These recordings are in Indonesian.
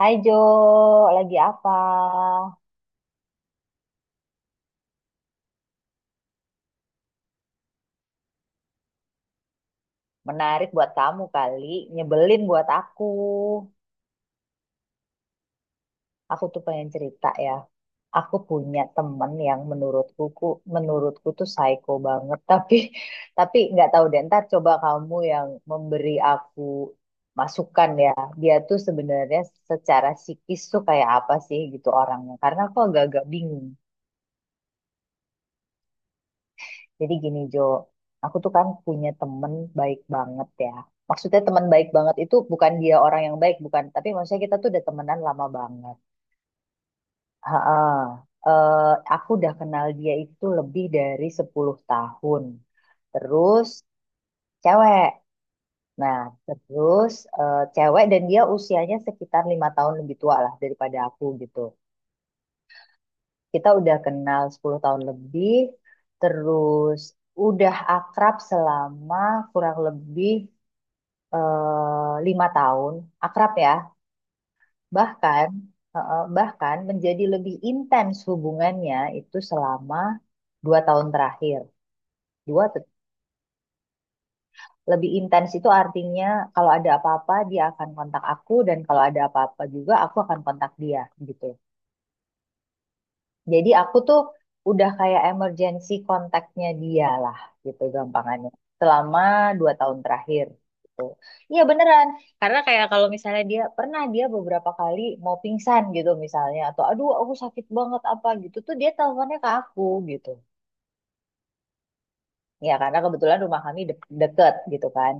Hai Jo, lagi apa? Menarik buat kamu kali, nyebelin buat aku. Aku tuh pengen cerita ya. Aku punya temen yang menurutku tuh psycho banget, tapi nggak tahu deh. Ntar coba kamu yang memberi aku masukan ya. Dia tuh sebenarnya secara psikis tuh kayak apa sih gitu orangnya? Karena aku agak-agak bingung. Jadi gini Jo, aku tuh kan punya temen baik banget ya. Maksudnya teman baik banget itu bukan dia orang yang baik, bukan. Tapi maksudnya kita tuh udah temenan lama banget. Heeh. Eh, aku udah kenal dia itu lebih dari 10 tahun. Terus cewek. Nah, terus cewek, dan dia usianya sekitar 5 tahun lebih tua lah daripada aku gitu. Kita udah kenal 10 tahun lebih. Terus udah akrab selama kurang lebih 5 tahun, akrab ya, bahkan bahkan menjadi lebih intens hubungannya itu selama 2 tahun terakhir. Dua te- Lebih intens itu artinya kalau ada apa-apa dia akan kontak aku, dan kalau ada apa-apa juga aku akan kontak dia gitu. Jadi aku tuh udah kayak emergency kontaknya dia lah gitu gampangannya. Selama dua tahun terakhir gitu. Iya beneran. Karena kayak kalau misalnya dia pernah, dia beberapa kali mau pingsan gitu misalnya, atau aduh aku sakit banget apa gitu tuh dia teleponnya ke aku gitu. Ya karena kebetulan rumah kami deket gitu kan.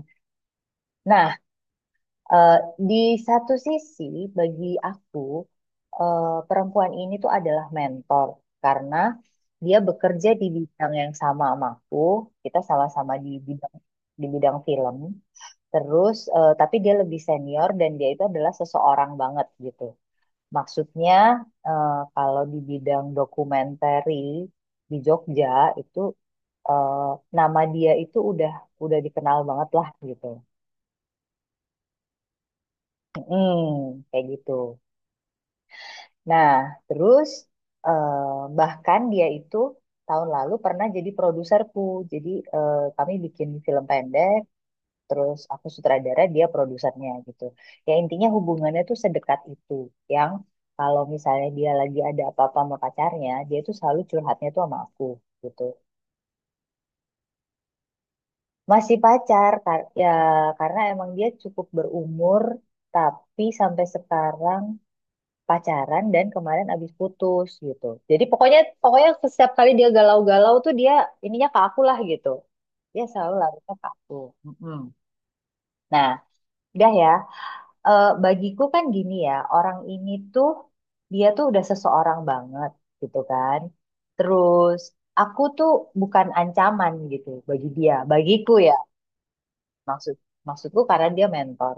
Nah, Eh, di satu sisi, bagi aku, perempuan ini tuh adalah mentor karena dia bekerja di bidang yang sama sama aku. Kita sama-sama di bidang film. Terus, tapi dia lebih senior dan dia itu adalah seseorang banget gitu. Maksudnya, kalau di bidang dokumentari di Jogja itu eh, nama dia itu udah dikenal banget lah gitu. Mm, kayak gitu. Nah, terus eh, bahkan dia itu tahun lalu pernah jadi produserku. Jadi kami bikin film pendek, terus aku sutradara, dia produsernya gitu. Ya intinya hubungannya tuh sedekat itu. Yang kalau misalnya dia lagi ada apa-apa sama pacarnya, dia tuh selalu curhatnya tuh sama aku gitu. Masih pacar ya karena emang dia cukup berumur, tapi sampai sekarang pacaran dan kemarin abis putus gitu. Jadi pokoknya pokoknya setiap kali dia galau-galau tuh dia ininya ke aku lah gitu. Dia selalu larinya ke aku. Mm-mm. Nah, udah ya. Bagiku kan gini ya, orang ini tuh dia tuh udah seseorang banget gitu kan. Terus aku tuh bukan ancaman gitu bagi dia, bagiku ya. Maksud maksudku karena dia mentor.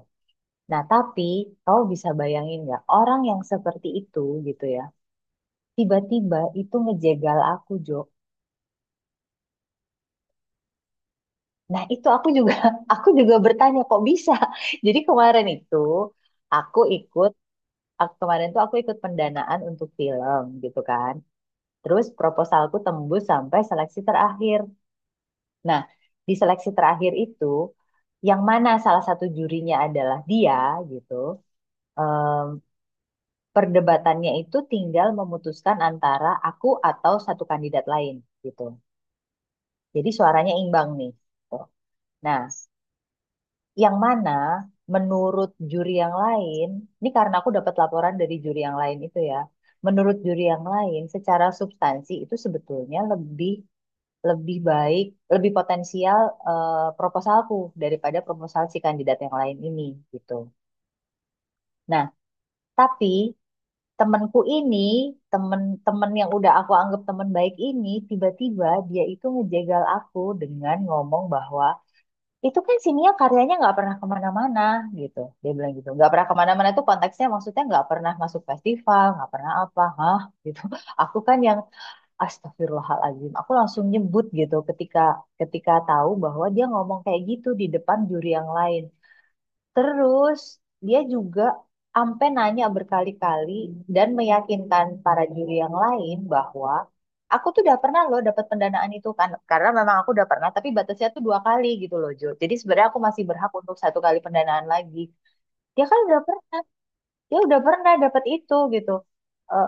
Nah, tapi kau bisa bayangin nggak orang yang seperti itu gitu ya, tiba-tiba itu ngejegal aku Jo. Nah itu aku juga aku juga bertanya kok bisa. Jadi aku ikut kemarin tuh aku ikut pendanaan untuk film gitu kan. Terus proposalku tembus sampai seleksi terakhir. Nah, di seleksi terakhir itu yang mana salah satu jurinya adalah dia gitu. em, Perdebatannya itu tinggal memutuskan antara aku atau satu kandidat lain gitu. Jadi suaranya imbang nih gitu. Nah, yang mana menurut juri yang lain, ini karena aku dapat laporan dari juri yang lain itu ya. Menurut juri yang lain, secara substansi itu sebetulnya lebih lebih baik, lebih potensial, proposalku daripada proposal si kandidat yang lain ini gitu. Nah, tapi temanku ini, temen-temen yang udah aku anggap teman baik ini, tiba-tiba dia itu ngejegal aku dengan ngomong bahwa itu kan si Nia karyanya nggak pernah kemana-mana, gitu dia bilang. Gitu nggak pernah kemana-mana itu konteksnya maksudnya nggak pernah masuk festival, nggak pernah apa hah gitu. Aku kan yang astagfirullahaladzim, aku langsung nyebut gitu ketika ketika tahu bahwa dia ngomong kayak gitu di depan juri yang lain. Terus dia juga ampe nanya berkali-kali dan meyakinkan para juri yang lain bahwa aku tuh udah pernah loh dapat pendanaan itu kan, karena memang aku udah pernah, tapi batasnya tuh 2 kali gitu loh Jo. Jadi sebenarnya aku masih berhak untuk satu kali pendanaan lagi. Dia kan udah pernah, dia udah pernah dapat itu gitu. Eh,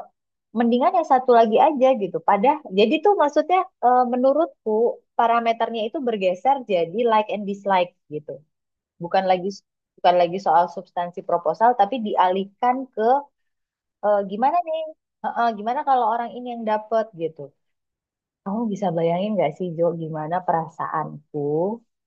Mendingan yang satu lagi aja gitu. Padahal jadi tuh maksudnya, menurutku parameternya itu bergeser jadi like and dislike gitu, bukan lagi bukan lagi soal substansi proposal tapi dialihkan ke, gimana nih. Heeh, gimana kalau orang ini yang dapat gitu. Kamu bisa bayangin nggak sih Jo gimana perasaanku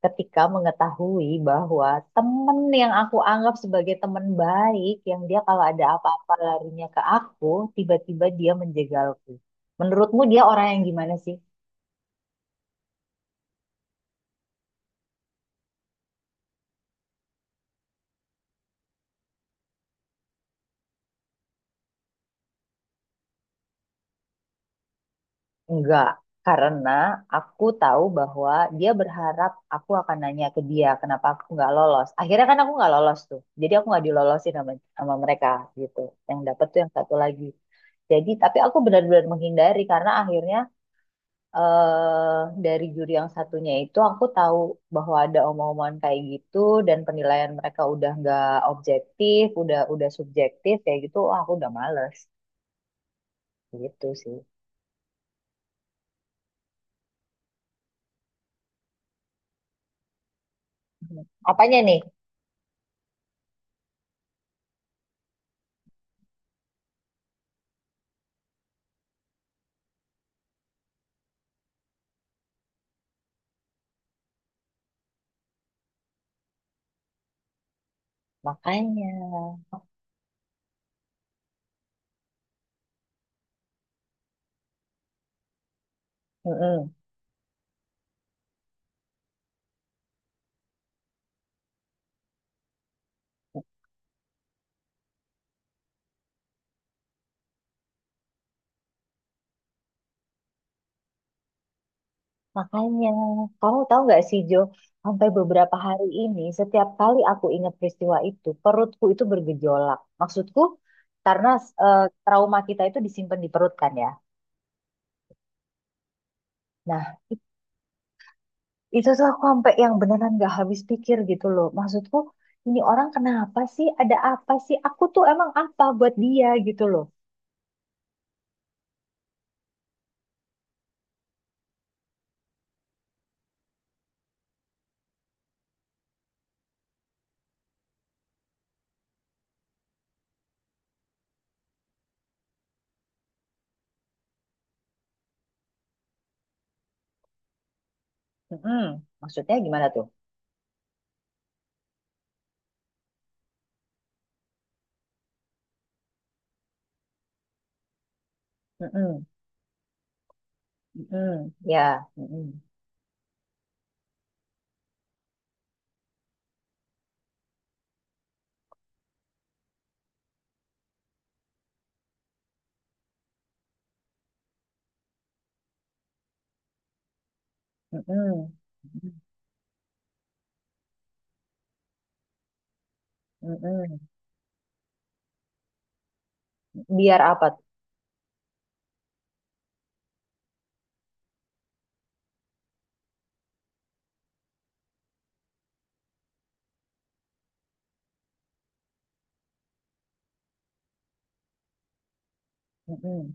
ketika mengetahui bahwa temen yang aku anggap sebagai temen baik, yang dia kalau ada apa-apa larinya ke aku, tiba-tiba dia menjegalku? Menurutmu dia orang yang gimana sih? Enggak, karena aku tahu bahwa dia berharap aku akan nanya ke dia kenapa aku nggak lolos. Akhirnya kan aku nggak lolos tuh, jadi aku nggak dilolosin sama mereka gitu. Yang dapet tuh yang satu lagi. Jadi tapi aku benar-benar menghindari karena akhirnya eh dari juri yang satunya itu aku tahu bahwa ada omongan kayak gitu, dan penilaian mereka udah nggak objektif, udah subjektif kayak gitu. Wah, aku udah males gitu sih. Apanya nih? Makanya. Mm-mm. Makanya, kamu tahu nggak sih Jo, sampai beberapa hari ini, setiap kali aku ingat peristiwa itu, perutku itu bergejolak. Maksudku, karena trauma kita itu disimpan di perut kan ya. Nah, i- itu tuh aku sampai yang beneran nggak habis pikir gitu loh. Maksudku, ini orang kenapa sih? Ada apa sih? Aku tuh emang apa buat dia gitu loh. Mm-mm. Maksudnya gimana tuh? Mm-mm. Mm-mm. Ya. Mm-mm. Mm-mm. Mm-mm. Mm-mm. Biar apa? Mm-mm.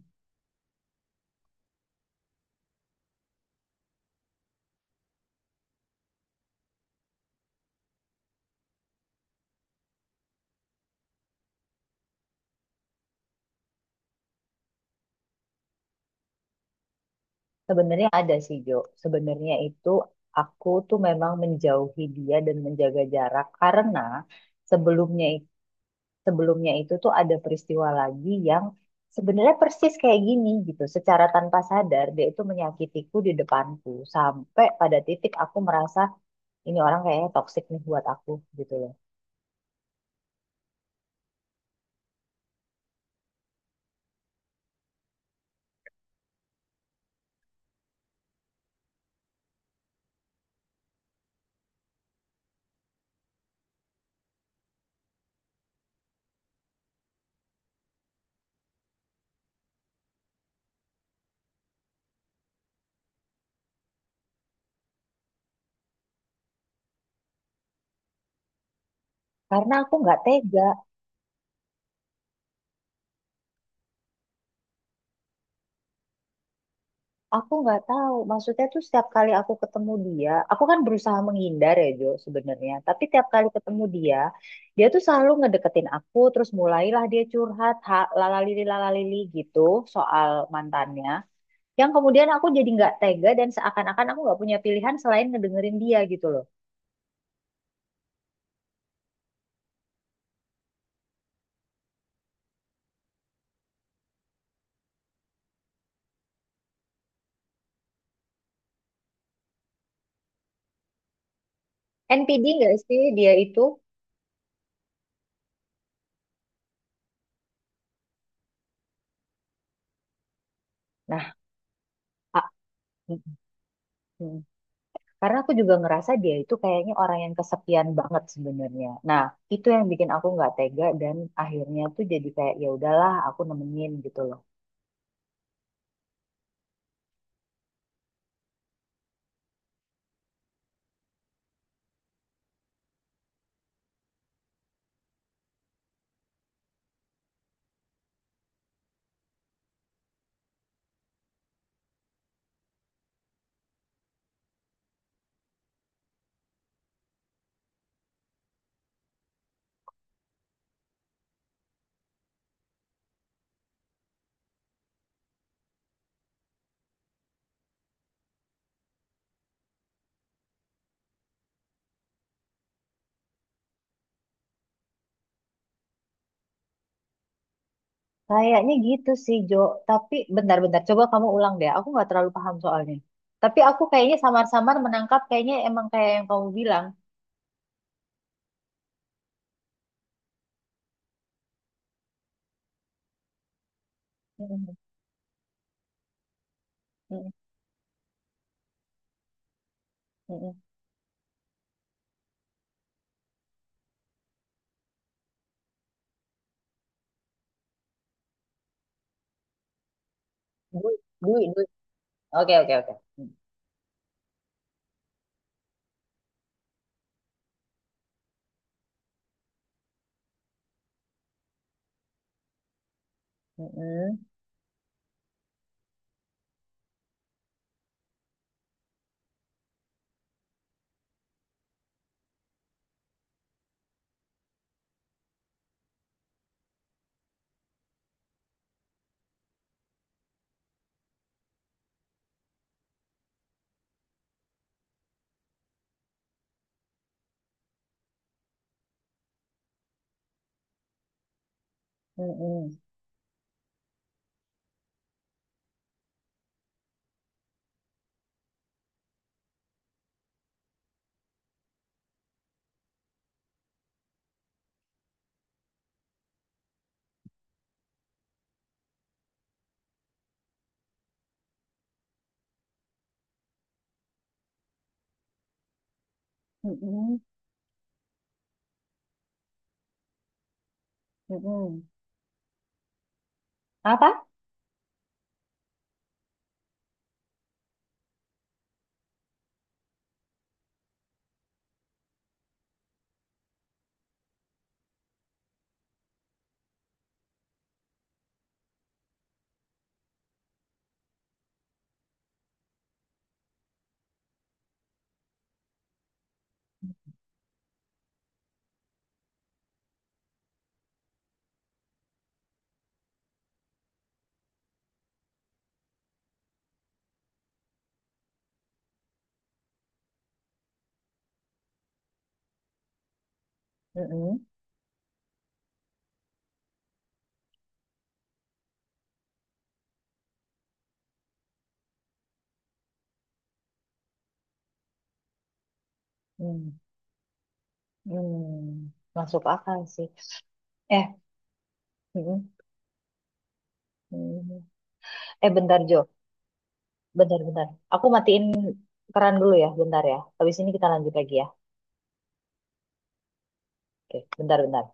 Sebenarnya ada sih Jo. Sebenarnya itu aku tuh memang menjauhi dia dan menjaga jarak karena sebelumnya i- sebelumnya itu tuh ada peristiwa lagi yang sebenarnya persis kayak gini gitu. Secara tanpa sadar dia itu menyakitiku di depanku sampai pada titik aku merasa ini orang kayaknya toksik nih buat aku gitu loh. Karena aku nggak tega. Aku nggak tahu, maksudnya tuh setiap kali aku ketemu dia, aku kan berusaha menghindar ya Jo sebenarnya. Tapi tiap kali ketemu dia, dia tuh selalu ngedeketin aku, terus mulailah dia curhat, ha, lalalili lalalili gitu soal mantannya. Yang kemudian aku jadi nggak tega dan seakan-akan aku nggak punya pilihan selain ngedengerin dia gitu loh. NPD nggak sih dia itu? Nah, a- karena aku juga ngerasa dia itu kayaknya orang yang kesepian banget sebenarnya. Nah, itu yang bikin aku nggak tega dan akhirnya tuh jadi kayak ya udahlah aku nemenin gitu loh. Kayaknya gitu sih Jo. Tapi bentar-bentar coba kamu ulang deh. Aku nggak terlalu paham soalnya. Tapi aku kayaknya samar-samar menangkap kayaknya emang kayak yang kamu bilang. Mm-mm, mm-mm, mm-mm. Dui, dui, dui. Oke oke oke. Mm-mm, mm-mm, mm-mm, mm-mm. Apa? Mm-mm, mm-mm. Masuk akal sih. Eh, mm, mm. Eh, bentar Jo, bentar, bentar. Aku matiin keran dulu ya, bentar ya. Habis ini kita lanjut lagi ya. Oke, bentar, bentar.